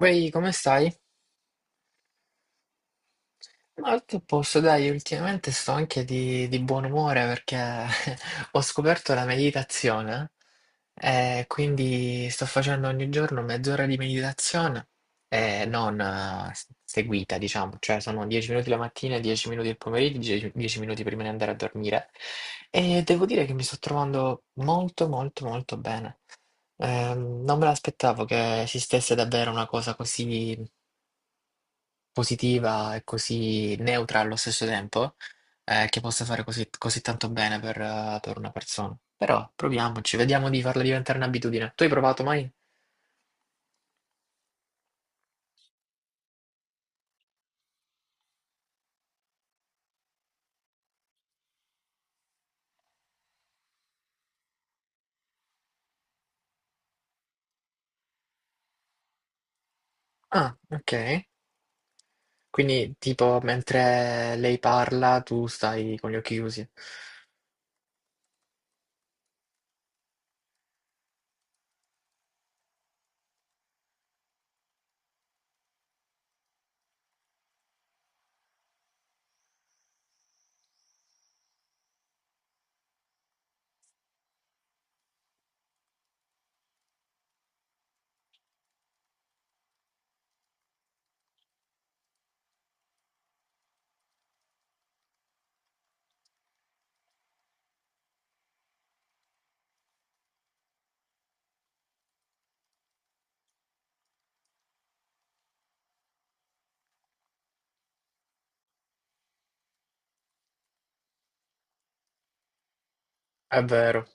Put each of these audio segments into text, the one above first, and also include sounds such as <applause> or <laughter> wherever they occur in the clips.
Vai, come stai? Ma tutto a posto, dai, ultimamente sto anche di buon umore perché <laughs> ho scoperto la meditazione e quindi sto facendo ogni giorno mezz'ora di meditazione e non seguita, diciamo, cioè sono 10 minuti la mattina, 10 minuti il pomeriggio, 10 minuti prima di andare a dormire e devo dire che mi sto trovando molto molto molto bene. Non me l'aspettavo che esistesse davvero una cosa così positiva e così neutra allo stesso tempo, che possa fare così, così tanto bene per una persona. Però proviamoci, vediamo di farla diventare un'abitudine. Tu hai provato mai? Ah, ok. Quindi tipo mentre lei parla tu stai con gli occhi chiusi. È vero.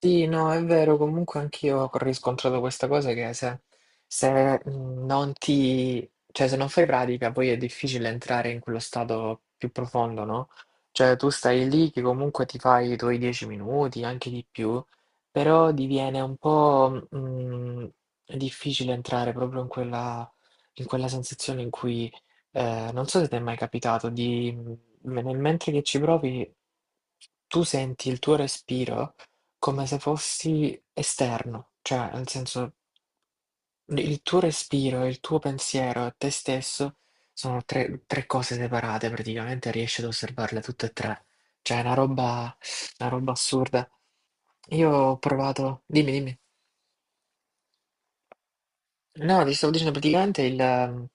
Sì, no, è vero, comunque anch'io ho riscontrato questa cosa che se non ti, cioè se non fai pratica poi è difficile entrare in quello stato più profondo, no? Cioè tu stai lì che comunque ti fai i tuoi 10 minuti, anche di più, però diviene un po' difficile entrare proprio in quella sensazione in cui, non so se ti è mai capitato, nel mentre che ci provi tu senti il tuo respiro come se fossi esterno, cioè nel senso l il tuo respiro e il tuo pensiero e te stesso sono tre 3 cose separate praticamente, riesci ad osservarle tutte e 3. Cioè è una roba assurda. Io ho provato dimmi, dimmi. No, ti stavo dicendo praticamente il, ehm,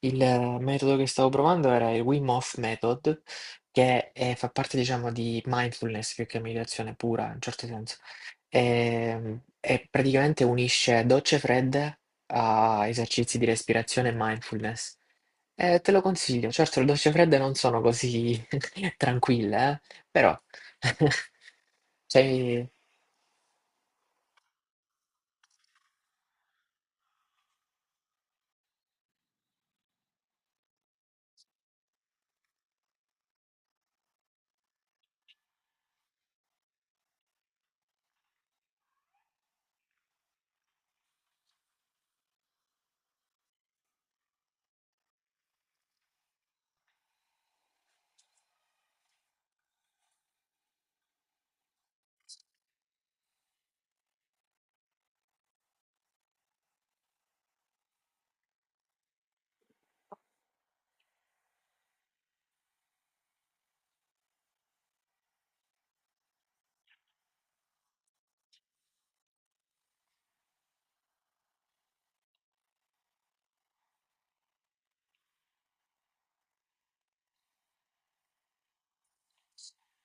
il, eh, metodo che stavo provando era il Wim Hof Method, che fa parte, diciamo, di mindfulness più che meditazione pura, in un certo senso. E praticamente unisce docce fredde a esercizi di respirazione e mindfulness. Te lo consiglio, certo le docce fredde non sono così <laughs> tranquille, però. <laughs> Cioè,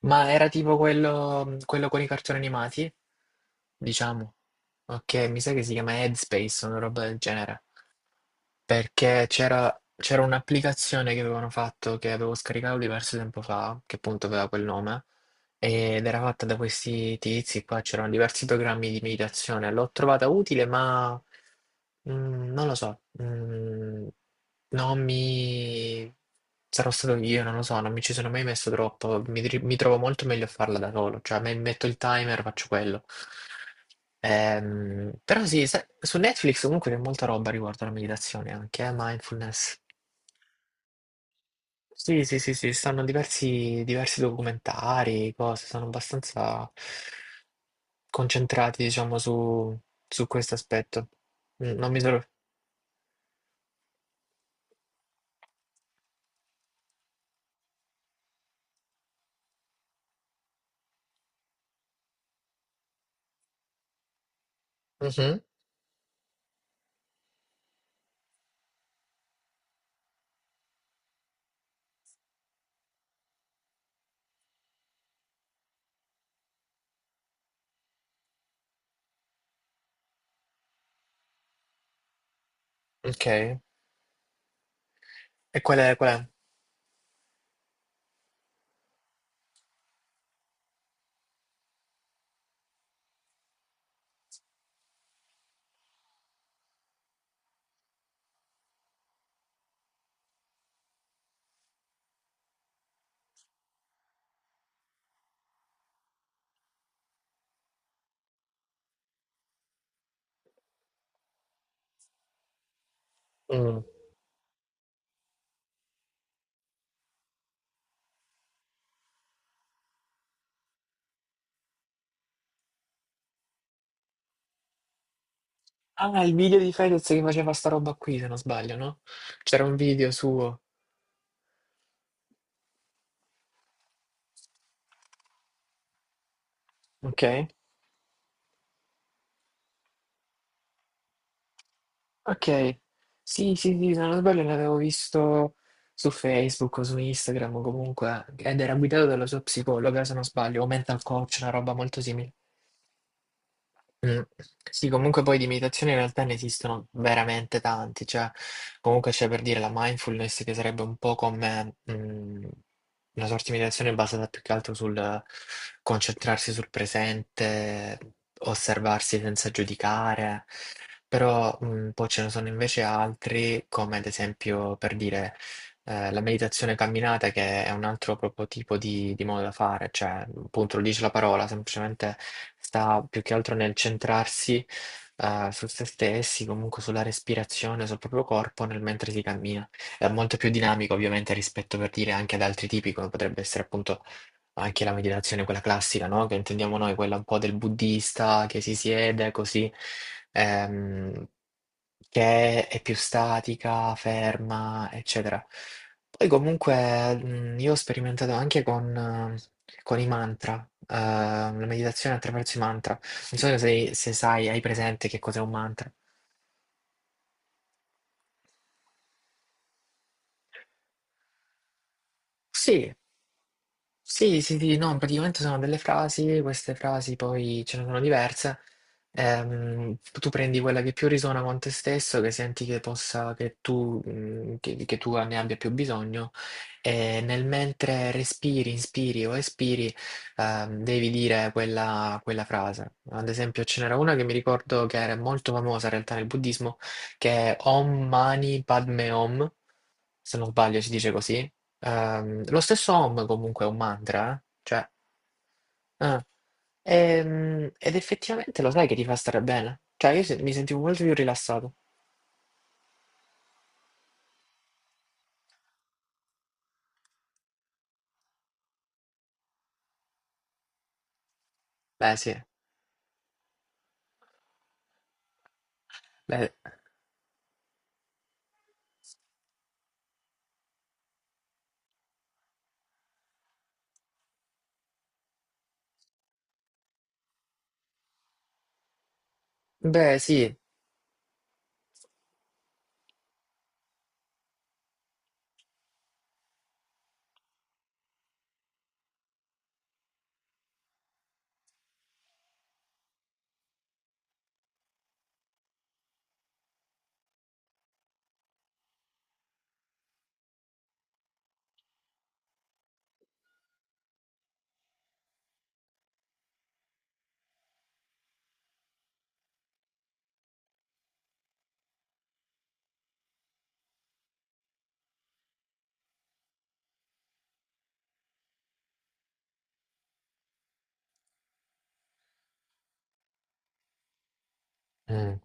ma era tipo quello con i cartoni animati? Diciamo. Okay, mi sa che si chiama Headspace, una roba del genere, perché c'era un'applicazione che avevano fatto, che avevo scaricato diverso tempo fa, che appunto aveva quel nome ed era fatta da questi tizi qua, c'erano diversi programmi di meditazione, l'ho trovata utile, ma non lo so, mm, non mi... sarò stato io, non lo so, non mi ci sono mai messo troppo, mi trovo molto meglio a farla da solo, cioè metto il timer, faccio quello. Però sì, su Netflix comunque c'è molta roba riguardo alla meditazione anche, mindfulness. Sì, sì, sì, sì, stanno diversi documentari, cose, sono abbastanza concentrati, diciamo, su questo aspetto. Mm. Non mi trovo. Mhm. Ok. E qual è? Mm. Ah, il video di Fedez che faceva sta roba qui, se non sbaglio, no? C'era un video suo. Ok. Ok. Sì, sì, sì, se non sbaglio l'avevo visto su Facebook o su Instagram o comunque, ed era guidato dalla sua psicologa, se non sbaglio, o mental coach, una roba molto simile. Mh. Sì, comunque poi di meditazione in realtà ne esistono veramente tanti, cioè comunque c'è per dire la mindfulness che sarebbe un po' come, una sorta di meditazione basata più che altro sul concentrarsi sul presente, osservarsi senza giudicare, però, poi ce ne sono invece altri come ad esempio per dire la meditazione camminata che è un altro proprio tipo di modo da fare, cioè appunto lo dice la parola, semplicemente sta più che altro nel centrarsi su se stessi, comunque sulla respirazione, sul proprio corpo nel mentre si cammina. È molto più dinamico ovviamente rispetto per dire anche ad altri tipi, come potrebbe essere appunto anche la meditazione, quella classica, no? Che intendiamo noi, quella un po' del buddista che si siede così, ehm, che è più statica, ferma, eccetera. Poi comunque io ho sperimentato anche con i mantra, la meditazione attraverso i mantra. Non so se sai, hai presente che cos'è un mantra. Sì. Sì, sì, sì, no, praticamente sono delle frasi, queste frasi poi ce ne sono diverse. Tu prendi quella che più risuona con te stesso, che senti che possa, che tu ne abbia più bisogno, e nel mentre respiri, inspiri o espiri, devi dire quella frase. Ad esempio, ce n'era una che mi ricordo che era molto famosa in realtà nel buddismo, che è Om Mani Padme Hum se non sbaglio si dice così. Lo stesso Om comunque è un mantra, eh. Cioè, eh. Ed effettivamente lo sai che ti fa stare bene. Cioè, io mi sentivo molto più rilassato. Beh, sì. Beh, beh, sì. Mm.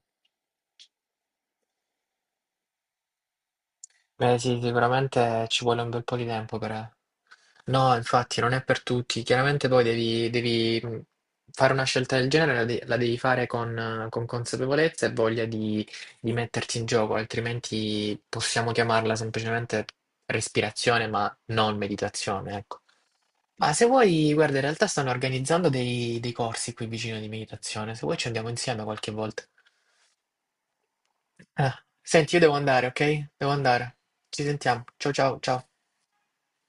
Beh sì, sicuramente ci vuole un bel po' di tempo per. No, infatti non è per tutti. Chiaramente poi devi, fare una scelta del genere, la devi fare con consapevolezza e voglia di metterti in gioco, altrimenti possiamo chiamarla semplicemente respirazione, ma non meditazione, ecco. Ma se vuoi, guarda, in realtà stanno organizzando dei corsi qui vicino di meditazione, se vuoi ci andiamo insieme qualche volta. Ah, senti, io devo andare, ok? Devo andare. Ci sentiamo. Ciao ciao ciao.